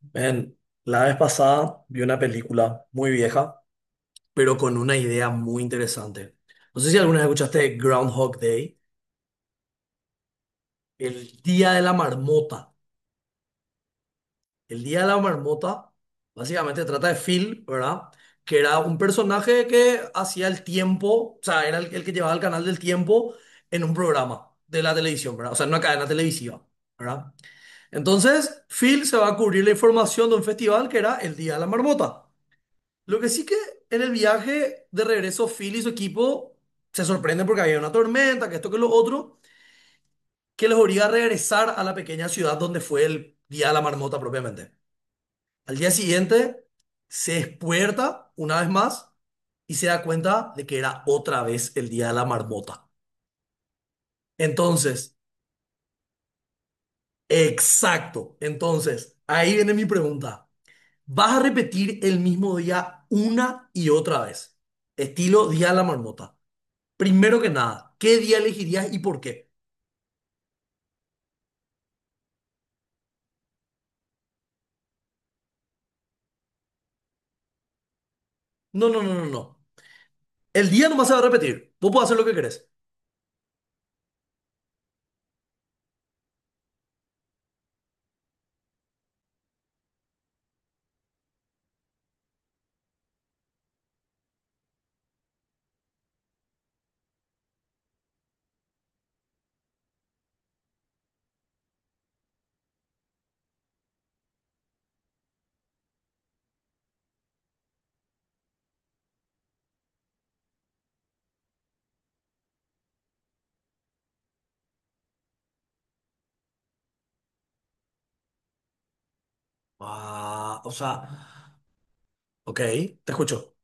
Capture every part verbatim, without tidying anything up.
Ven, la vez pasada vi una película muy vieja, pero con una idea muy interesante. No sé si alguna vez escuchaste Groundhog Day, el día de la marmota. El día de la marmota básicamente trata de Phil, ¿verdad? Que era un personaje que hacía el tiempo, o sea, era el, el que llevaba el canal del tiempo en un programa de la televisión, ¿verdad? O sea, en una cadena televisiva, ¿verdad? Entonces, Phil se va a cubrir la información de un festival que era el día de la marmota. Lo que sí que en el viaje de regreso, Phil y su equipo se sorprenden porque había una tormenta, que esto, que lo otro, que les obliga a regresar a la pequeña ciudad donde fue el día de la marmota propiamente. Al día siguiente se despierta una vez más y se da cuenta de que era otra vez el día de la marmota. Entonces, exacto. Entonces, ahí viene mi pregunta. ¿Vas a repetir el mismo día una y otra vez? Estilo día de la marmota. Primero que nada, ¿qué día elegirías y por qué? No, no, no, no, no. El día nomás se va a repetir. Vos podés hacer lo que querés. Ah, o sea, ok, te escucho.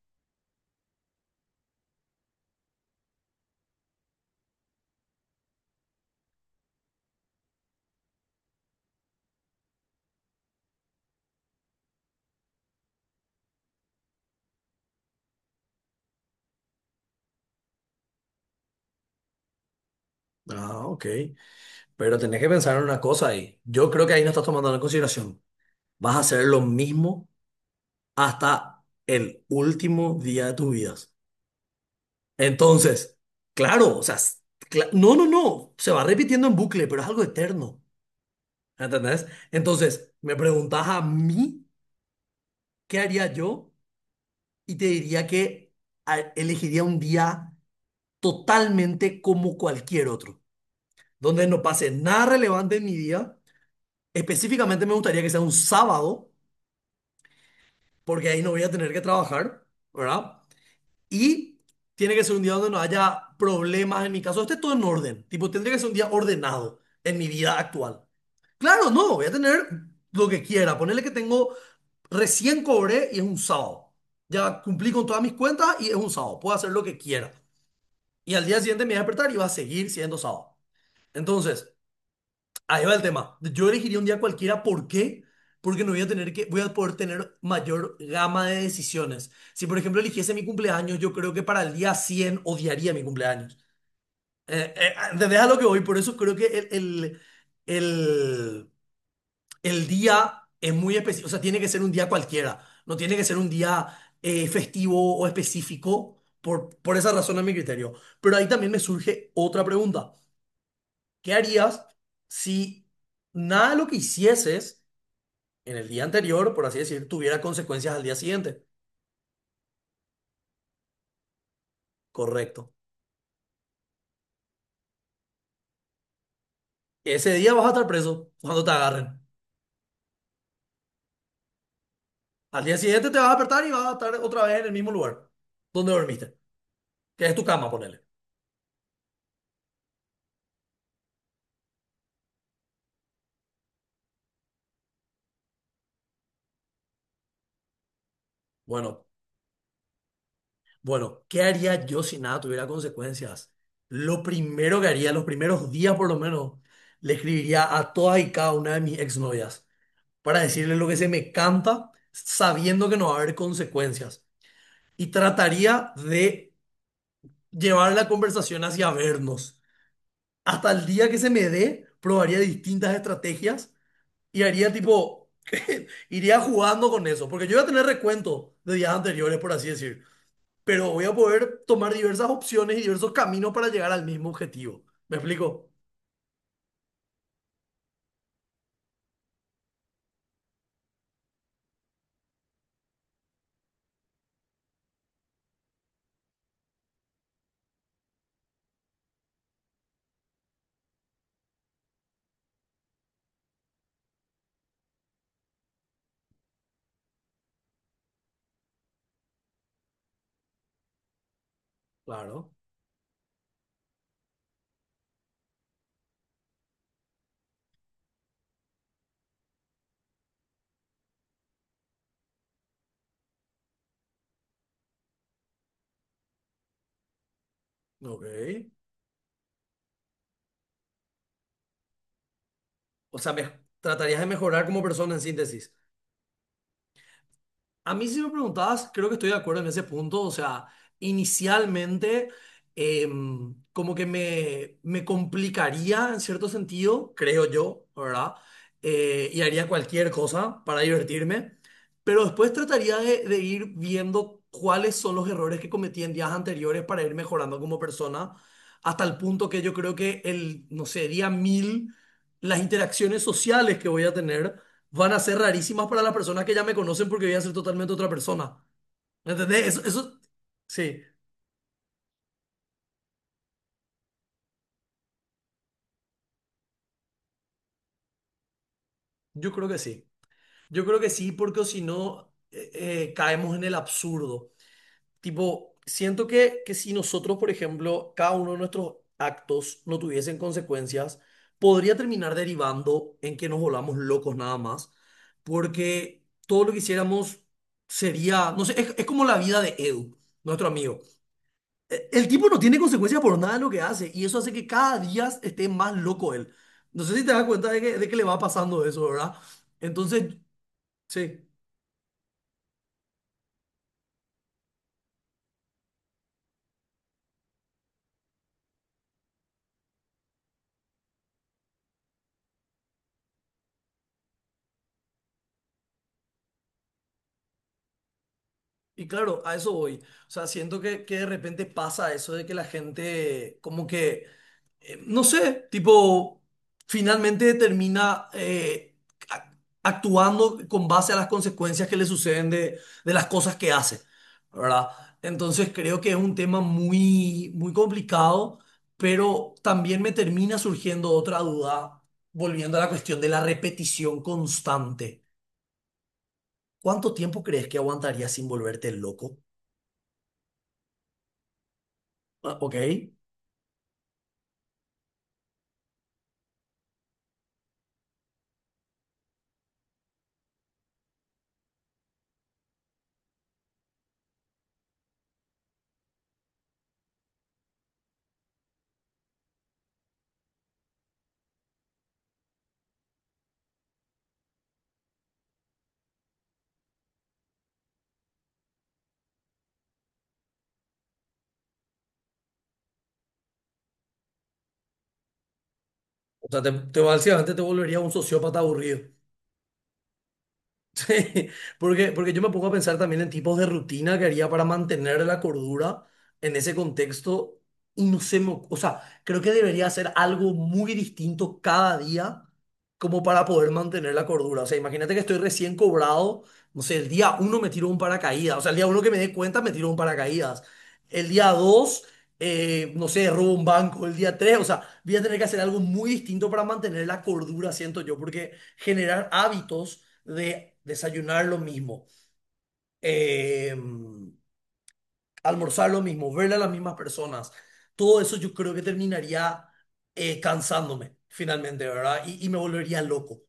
Ah, ok. Pero tenés que pensar en una cosa ahí. Yo creo que ahí no estás tomando en consideración. Vas a hacer lo mismo hasta el último día de tus vidas. Entonces, claro, o sea, s- cla- no, no, no. Se va repitiendo en bucle, pero es algo eterno. ¿Entendés? Entonces, me preguntás a mí qué haría yo. Y te diría que a- elegiría un día totalmente como cualquier otro, donde no pase nada relevante en mi día. Específicamente me gustaría que sea un sábado, porque ahí no voy a tener que trabajar, ¿verdad? Y tiene que ser un día donde no haya problemas en mi caso, esté todo en orden, tipo, tendría que ser un día ordenado en mi vida actual. Claro, no, voy a tener lo que quiera, ponerle que tengo recién cobré y es un sábado. Ya cumplí con todas mis cuentas y es un sábado. Puedo hacer lo que quiera. Y al día siguiente me voy a despertar y va a seguir siendo sábado. Entonces, ahí va el tema. Yo elegiría un día cualquiera. ¿Por qué? Porque no voy a tener que, voy a poder tener mayor gama de decisiones. Si, por ejemplo, eligiese mi cumpleaños, yo creo que para el día cien odiaría mi cumpleaños. Eh, eh, ¿entendés a lo que voy? Por eso creo que el, el, el, el día es muy específico. O sea, tiene que ser un día cualquiera. No tiene que ser un día eh, festivo o específico. Por, por esa razón, a mi criterio. Pero ahí también me surge otra pregunta. ¿Qué harías si nada de lo que hicieses en el día anterior, por así decir, tuviera consecuencias al día siguiente? Correcto. Ese día vas a estar preso cuando te agarren. Al día siguiente te vas a despertar y vas a estar otra vez en el mismo lugar donde dormiste, que es tu cama, ponele. Bueno, bueno, ¿qué haría yo si nada tuviera consecuencias? Lo primero que haría, los primeros días por lo menos, le escribiría a todas y cada una de mis exnovias para decirles lo que se me canta, sabiendo que no va a haber consecuencias. Y trataría de llevar la conversación hacia vernos. Hasta el día que se me dé, probaría distintas estrategias y haría tipo, iría jugando con eso, porque yo voy a tener recuento de días anteriores, por así decir, pero voy a poder tomar diversas opciones y diversos caminos para llegar al mismo objetivo. ¿Me explico? Claro. Ok. O sea, me, tratarías de mejorar como persona en síntesis. A mí si me preguntabas, creo que estoy de acuerdo en ese punto. O sea, inicialmente em, como que me, me complicaría en cierto sentido, creo yo, ¿verdad? Eh, y haría cualquier cosa para divertirme. Pero después trataría de, de ir viendo cuáles son los errores que cometí en días anteriores para ir mejorando como persona, hasta el punto que yo creo que el, no sé, día mil, las interacciones sociales que voy a tener van a ser rarísimas para las personas que ya me conocen porque voy a ser totalmente otra persona. ¿Entendés? Eso, eso, sí, yo creo que sí. Yo creo que sí, porque o si no, eh, eh, caemos en el absurdo. Tipo, siento que, que si nosotros, por ejemplo, cada uno de nuestros actos no tuviesen consecuencias, podría terminar derivando en que nos volvamos locos nada más, porque todo lo que hiciéramos sería, no sé, es, es como la vida de Edu, nuestro amigo. e- El tipo no tiene consecuencias por nada de lo que hace y eso hace que cada día esté más loco él. No sé si te das cuenta de que, de que le va pasando eso, ¿verdad? Entonces, sí, y claro, a eso voy. O sea, siento que, que de repente pasa eso de que la gente como que eh, no sé, tipo, finalmente termina eh, a- actuando con base a las consecuencias que le suceden de, de las cosas que hace, ¿verdad? Entonces creo que es un tema muy, muy complicado, pero también me termina surgiendo otra duda, volviendo a la cuestión de la repetición constante. ¿Cuánto tiempo crees que aguantarías sin volverte loco? Ah, ok. O sea, te, te, básicamente te volvería un sociópata aburrido. Sí, porque, porque yo me pongo a pensar también en tipos de rutina que haría para mantener la cordura en ese contexto y no sé, o sea, creo que debería hacer algo muy distinto cada día como para poder mantener la cordura. O sea, imagínate que estoy recién cobrado, no sé, el día uno me tiro un paracaídas, o sea, el día uno que me dé cuenta me tiro un paracaídas, el día dos, eh, no sé, robo un banco, el día tres, o sea, voy a tener que hacer algo muy distinto para mantener la cordura, siento yo, porque generar hábitos de desayunar lo mismo, eh, almorzar lo mismo, verle a las mismas personas. Todo eso yo creo que terminaría eh, cansándome finalmente, ¿verdad? Y, y me volvería loco.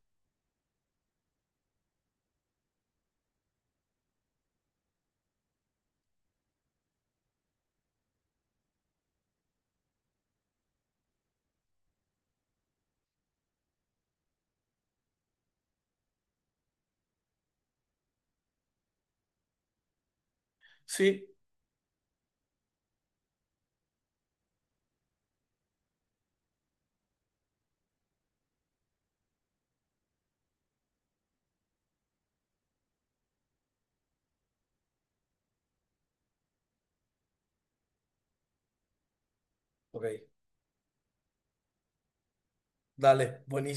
Sí, ok, dale, buenísimo.